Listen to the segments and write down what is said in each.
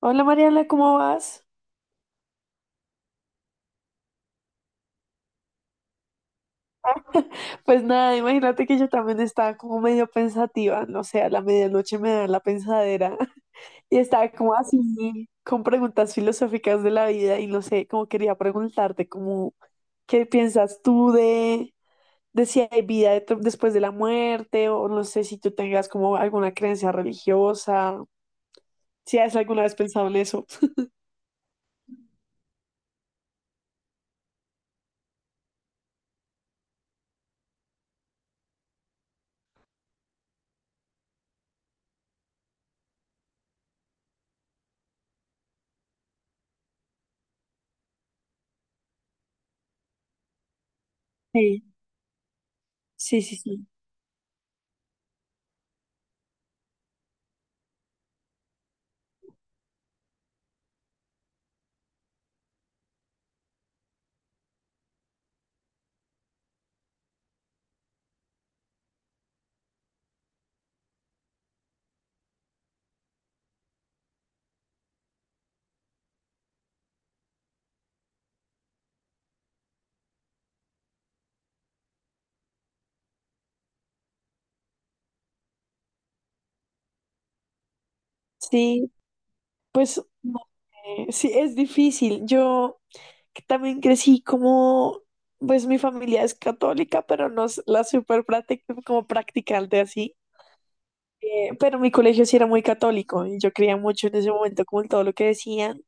Hola Mariana, ¿cómo vas? Pues nada, imagínate que yo también estaba como medio pensativa, no sé, a la medianoche me da la pensadera. Y estaba como así con preguntas filosóficas de la vida y no sé, como quería preguntarte como qué piensas tú de si hay vida después de la muerte o no sé si tú tengas como alguna creencia religiosa, si has alguna vez pensado en eso. Sí, sí, sí, sí. Sí, pues no, sí, es difícil. Yo que también crecí como, pues mi familia es católica, pero no es la super práctica, como practicante así. Pero mi colegio sí era muy católico y yo creía mucho en ese momento como en todo lo que decían.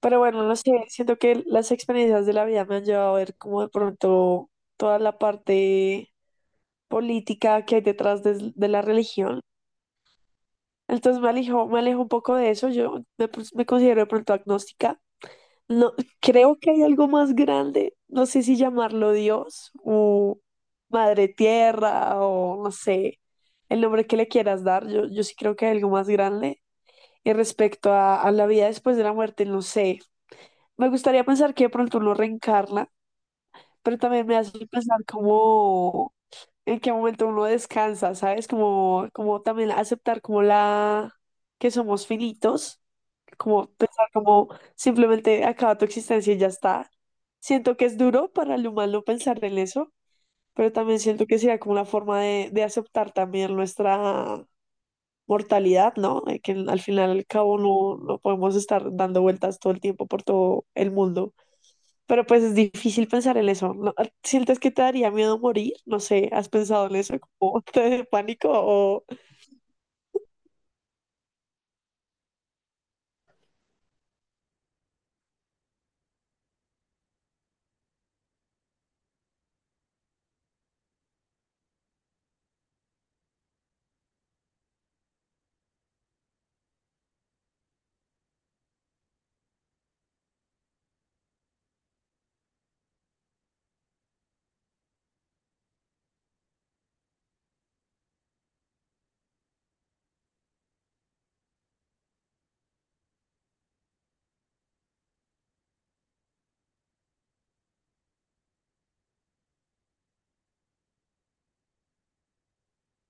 Pero bueno, no sé, siento que las experiencias de la vida me han llevado a ver como de pronto toda la parte política que hay detrás de, la religión. Entonces me alejo un poco de eso. Pues, me considero de pronto agnóstica. No, creo que hay algo más grande, no sé si llamarlo Dios o Madre Tierra o no sé, el nombre que le quieras dar, yo, sí creo que hay algo más grande. Y respecto a la vida después de la muerte, no sé, me gustaría pensar que de pronto uno reencarna, pero también me hace pensar como en qué momento uno descansa, ¿sabes? Como también aceptar como la que somos finitos, como pensar como simplemente acaba tu existencia y ya está. Siento que es duro para el humano pensar en eso, pero también siento que sería como una forma de aceptar también nuestra mortalidad, ¿no? Que al final y al cabo no, no podemos estar dando vueltas todo el tiempo por todo el mundo. Pero pues es difícil pensar en eso, ¿no? ¿Sientes que te daría miedo morir? No sé, ¿has pensado en eso? ¿Como te de pánico o?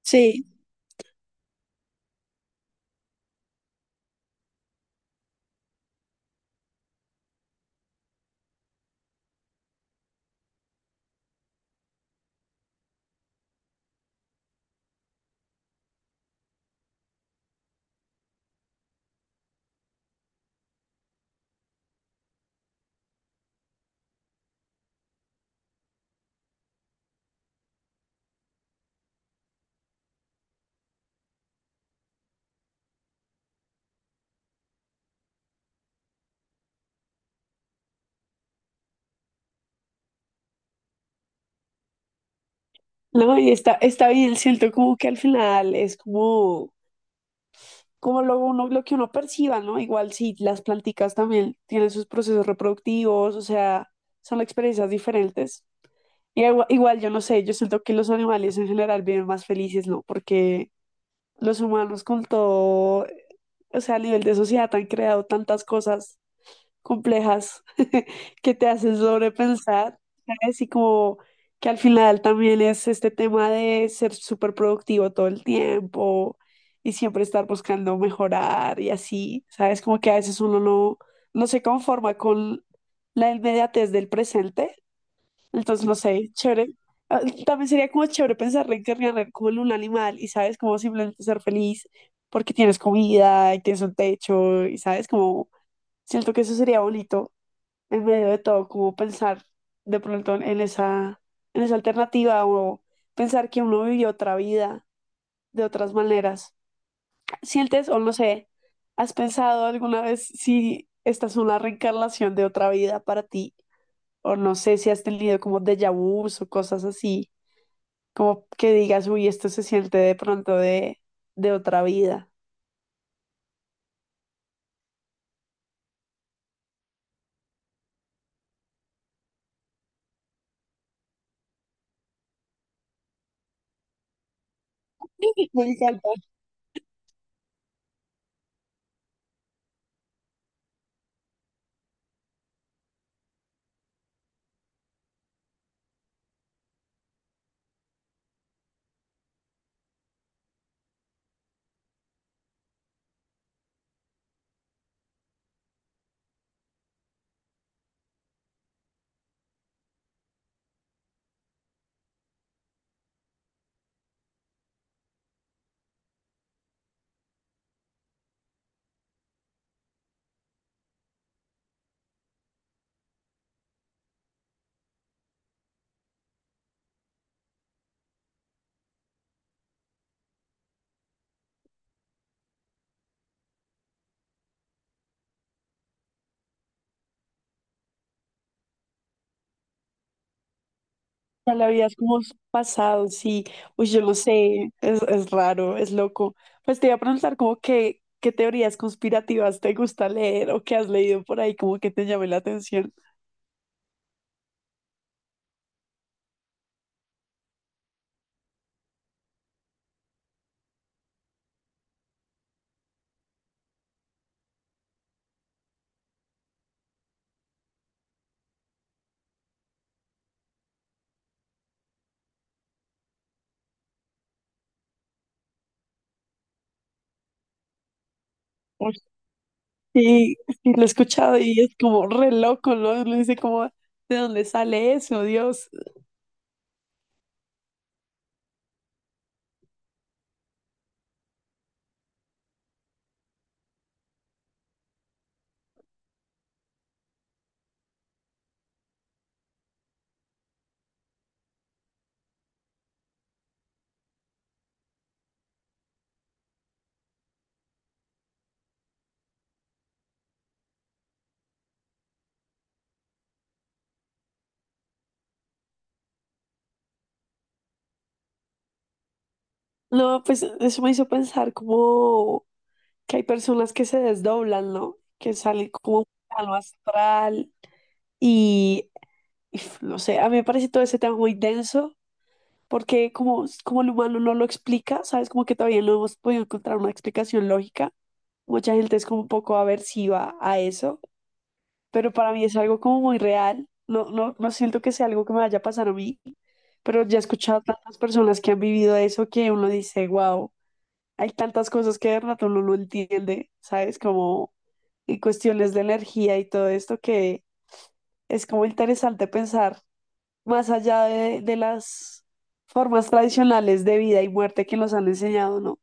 Sí, no, y está, está bien, siento como que al final es como lo que uno perciba, ¿no? Igual sí, las planticas también tienen sus procesos reproductivos, o sea, son experiencias diferentes. Y igual, yo no sé, yo siento que los animales en general viven más felices, ¿no? Porque los humanos con todo, o sea, a nivel de sociedad han creado tantas cosas complejas que te hacen sobrepensar, ¿sabes? Y como que al final también es este tema de ser súper productivo todo el tiempo y siempre estar buscando mejorar y así, ¿sabes? Como que a veces uno no, no se conforma con la inmediatez del presente, entonces no sé, chévere. Ah, también sería como chévere pensar reencarnar como en un animal y, ¿sabes? Como simplemente ser feliz porque tienes comida y tienes un techo y, ¿sabes? Como siento que eso sería bonito en medio de todo, como pensar de pronto en esa, alternativa o pensar que uno vivió otra vida de otras maneras. ¿Sientes o no sé, has pensado alguna vez si esta es una reencarnación de otra vida para ti? O no sé si has tenido como déjà vus o cosas así, como que digas, uy, esto se siente de pronto de, otra vida. Me encanta. Ya la vida es como pasado, sí. Pues yo lo sé, es raro, es loco. Pues te iba a preguntar como que, qué teorías conspirativas te gusta leer o que has leído por ahí como que te llame la atención. Uy, sí, sí, lo he escuchado y es como re loco, ¿no? Uno dice como, ¿de dónde sale eso, Dios? No, pues eso me hizo pensar como que hay personas que se desdoblan, ¿no? Que salen como un plano astral y, y no sé, a mí me parece todo ese tema muy denso porque como el humano no lo explica, ¿sabes? Como que todavía no hemos podido encontrar una explicación lógica. Mucha gente es como un poco aversiva a eso, pero para mí es algo como muy real. No, no, no siento que sea algo que me vaya a pasar a mí, pero ya he escuchado tantas personas que han vivido eso que uno dice, wow, hay tantas cosas que de rato uno no entiende, ¿sabes? Como en cuestiones de energía y todo esto que es como interesante pensar más allá de las formas tradicionales de vida y muerte que nos han enseñado, ¿no?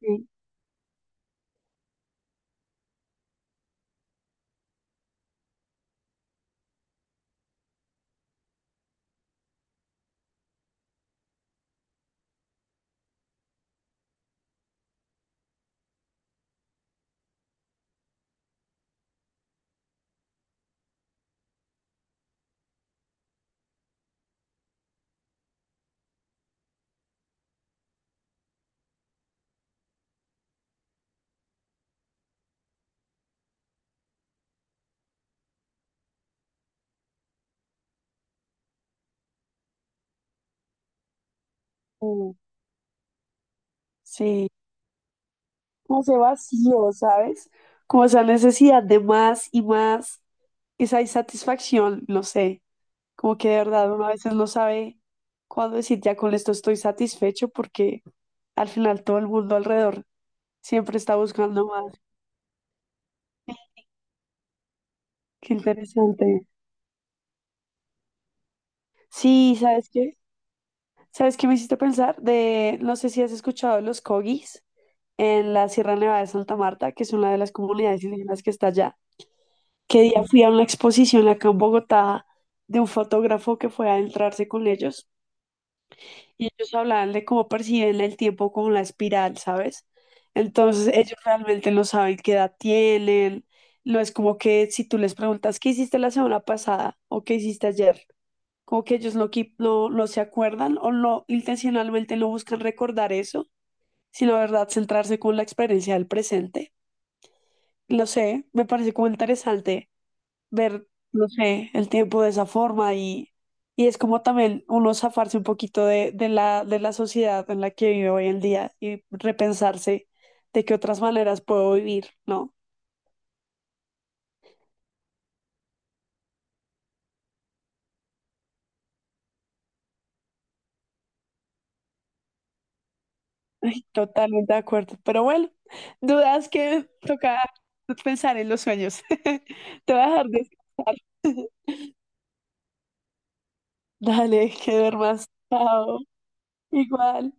Sí, como- sí, como ese vacío, ¿sabes? Como esa necesidad de más y más, esa insatisfacción, no sé, como que de verdad uno a veces no sabe cuándo decir ya con esto estoy satisfecho porque al final todo el mundo alrededor siempre está buscando más. Qué interesante. Sí, ¿sabes qué? ¿Sabes qué me hiciste pensar? De, no sé si has escuchado de los corgis en la Sierra Nevada de Santa Marta, que es una de las comunidades indígenas que está allá. Que día fui a una exposición acá en Bogotá de un fotógrafo que fue a adentrarse con ellos y ellos hablaban de cómo perciben el tiempo como la espiral, ¿sabes? Entonces ellos realmente no saben qué edad tienen, no es como que si tú les preguntas qué hiciste la semana pasada o qué hiciste ayer, como que ellos no, no, no se acuerdan o no intencionalmente no buscan recordar eso, sino, ¿verdad?, centrarse con la experiencia del presente. Lo sé, me parece como interesante ver, no sé, el tiempo de esa forma y es como también uno zafarse un poquito de, de la sociedad en la que vive hoy en día y repensarse de qué otras maneras puedo vivir, ¿no? Ay, totalmente de acuerdo. Pero bueno, dudas que toca pensar en los sueños. Te voy a dejar descansar. Dale, que duermas. Chao. Igual.